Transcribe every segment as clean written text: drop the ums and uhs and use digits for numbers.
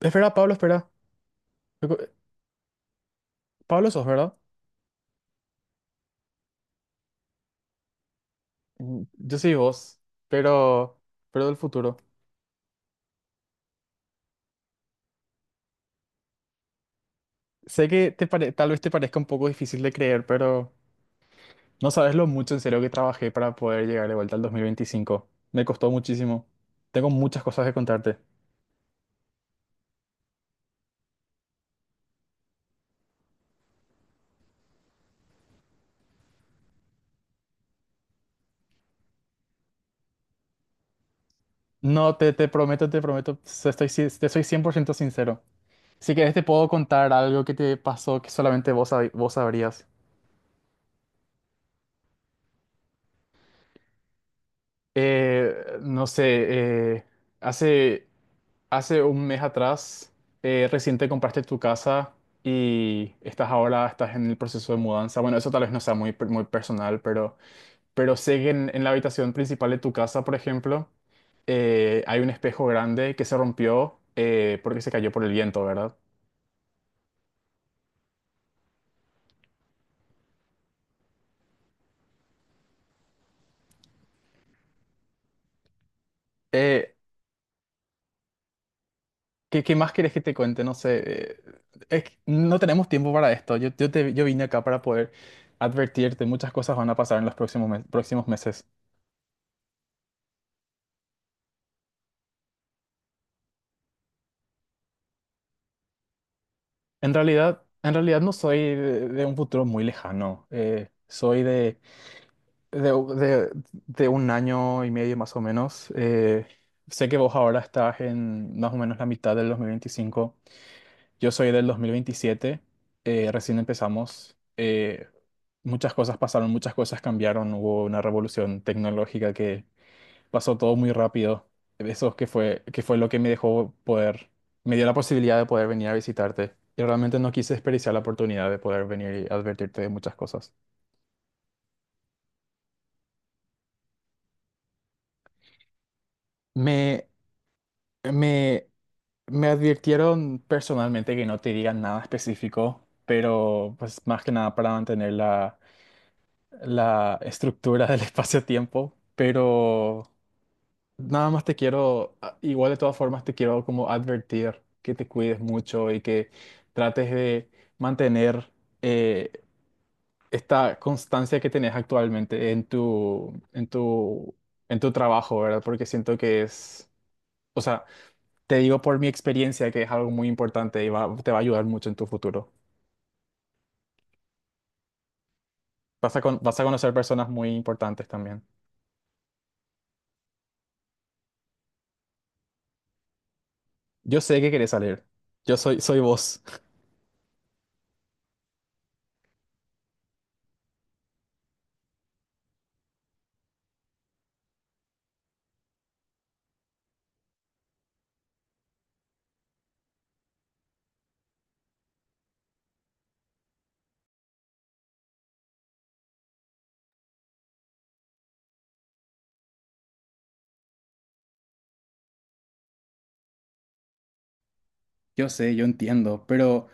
Espera, Pablo, espera. Recu- Pablo sos, ¿verdad? Yo soy vos, pero, pero del futuro. Sé que tal vez te parezca un poco difícil de creer, pero no sabes lo mucho en serio que trabajé para poder llegar de vuelta al 2025. Me costó muchísimo. Tengo muchas cosas que contarte. No, te prometo, estoy, te soy 100% sincero. Si querés te puedo contar algo que te pasó que solamente vos sabrías. No sé. Eh, hace Hace un mes atrás, recién te compraste tu casa y estás ahora, estás en el proceso de mudanza. Bueno, eso tal vez no sea muy personal, pero sé que en la habitación principal de tu casa, por ejemplo, hay un espejo grande que se rompió, porque se cayó por el viento, ¿verdad? Eh, qué más querés que te cuente? No sé. eh, es que no tenemos tiempo para esto. Yo vine acá para poder advertirte. Muchas cosas van a pasar en los próximos meses. En realidad, no soy de un futuro muy lejano. Soy de, de- de un año y medio más o menos. Sé que vos ahora estás en más o menos la mitad del 2025. Yo soy del 2027. Recién empezamos. Muchas cosas pasaron, muchas cosas cambiaron. Hubo una revolución tecnológica que pasó todo muy rápido. Eso que fue lo que me dejó poder, me dio la posibilidad de poder venir a visitarte. Y realmente no quise desperdiciar la oportunidad de poder venir y advertirte de muchas cosas. Me, me, me advirtieron personalmente que no te digan nada específico, pero pues más que nada para mantener la estructura del espacio-tiempo. Pero nada más te quiero, igual de todas formas te quiero como advertir que te cuides mucho y que trates de mantener, eh, esta constancia que tenés actualmente en tu trabajo, ¿verdad? Porque siento que o sea, te digo por mi experiencia que es algo muy importante y te va a ayudar mucho en tu futuro. Vas a conocer personas muy importantes también. Yo sé que querés salir. Yo soy vos. Yo sé, yo entiendo, pero...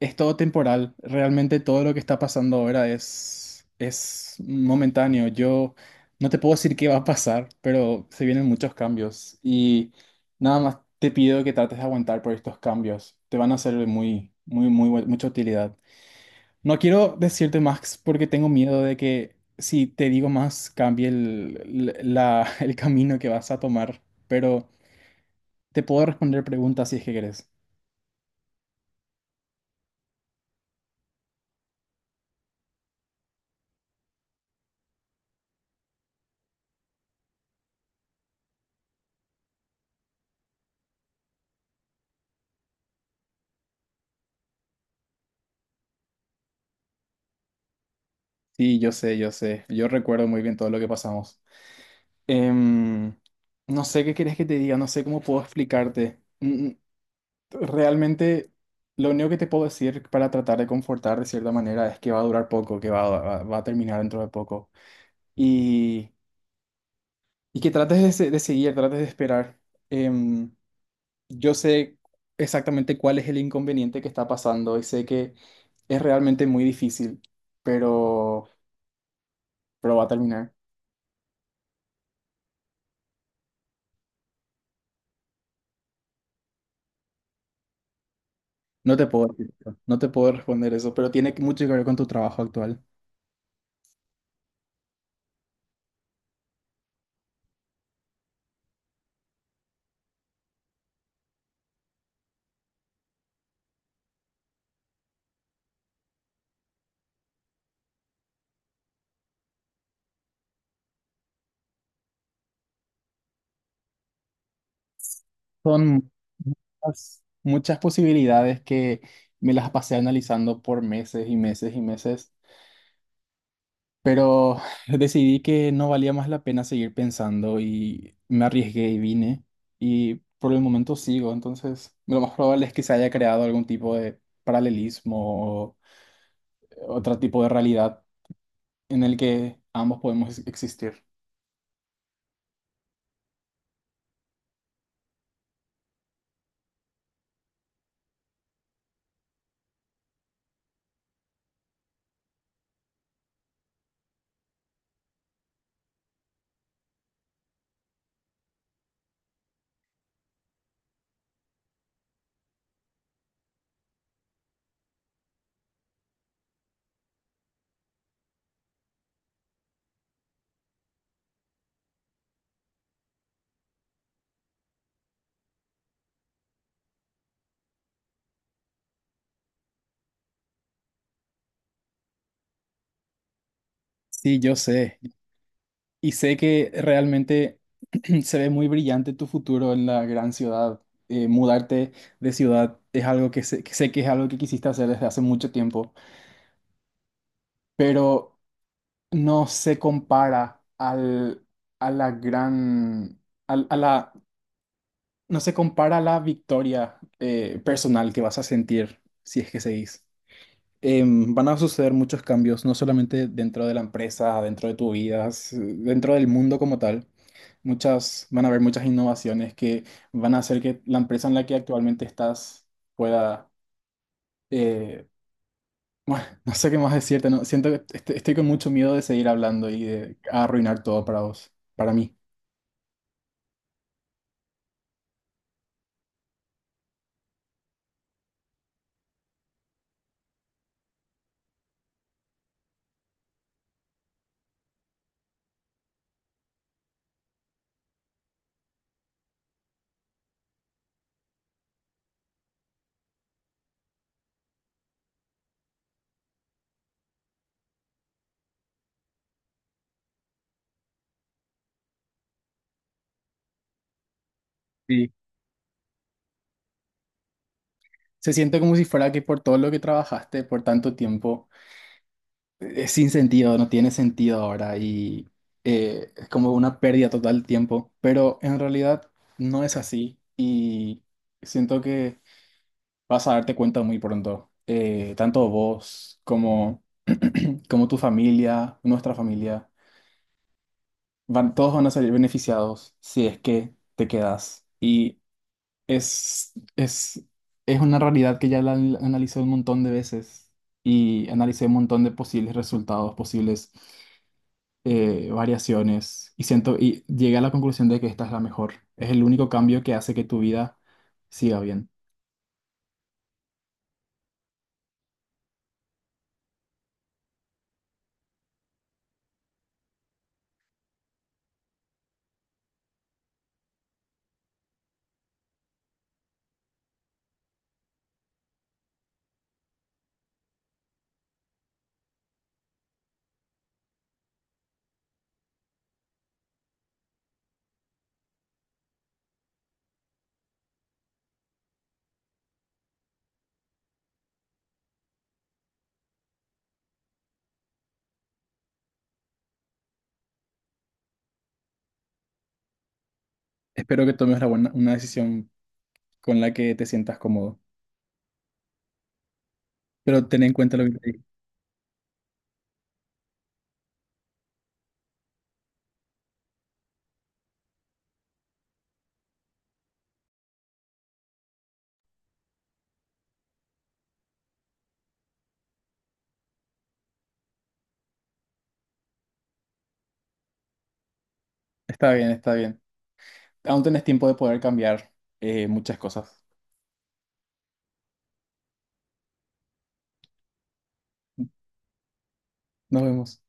Es todo temporal. Realmente todo lo que está pasando ahora es momentáneo. Yo no te puedo decir qué va a pasar, pero se vienen muchos cambios. Y nada más te pido que trates de aguantar por estos cambios. Te van a hacer de muy, muy, muy, mucha utilidad. No quiero decirte más porque tengo miedo de que si te digo más cambie el camino que vas a tomar. Pero te puedo responder preguntas si es que querés. Sí, yo sé, yo sé. Yo recuerdo muy bien todo lo que pasamos. Em, no sé qué querés que te diga, no sé cómo puedo explicarte. Realmente lo único que te puedo decir para tratar de confortar de cierta manera es que va a durar poco, que va a terminar dentro de poco. Y, y que trates de seguir, trates de esperar. Em, yo sé exactamente cuál es el inconveniente que está pasando y sé que es realmente muy difícil, pero, pero va a terminar. No te puedo decir eso, no te puedo responder eso, pero tiene mucho que ver con tu trabajo actual. Son muchas, muchas posibilidades que me las pasé analizando por meses y meses y meses, pero decidí que no valía más la pena seguir pensando y me arriesgué y vine y por el momento sigo, entonces lo más probable es que se haya creado algún tipo de paralelismo o otro tipo de realidad en el que ambos podemos existir. Sí, yo sé. Y sé que realmente se ve muy brillante tu futuro en la gran ciudad. Mudarte de ciudad es algo que sé que es algo que quisiste hacer desde hace mucho tiempo, pero no se compara al, a la gran, al- a la, no se compara a la victoria, personal que vas a sentir si es que seguís. Van a suceder muchos cambios, no solamente dentro de la empresa, dentro de tu vida, dentro del mundo como tal. Van a haber muchas innovaciones que van a hacer que la empresa en la que actualmente estás pueda, eh, bueno, no sé qué más decirte, no, siento que estoy con mucho miedo de seguir hablando y de arruinar todo para vos, para mí. Sí. Se siente como si fuera que por todo lo que trabajaste por tanto tiempo, es sin sentido, no tiene sentido ahora y, es como una pérdida total de tiempo, pero en realidad no es así y siento que vas a darte cuenta muy pronto. Tanto vos como, tu familia, nuestra familia, van, todos van a salir beneficiados si es que te quedas. Y es, es, es una realidad que ya la analicé un montón de veces y analicé un montón de posibles resultados, posibles, variaciones y siento y llegué a la conclusión de que esta es la mejor. Es el único cambio que hace que tu vida siga bien. Espero que tomes la buena, una decisión con la que te sientas cómodo. Pero ten en cuenta lo que te digo. Está bien, está bien. Aún tenés tiempo de poder cambiar, muchas cosas. Nos vemos.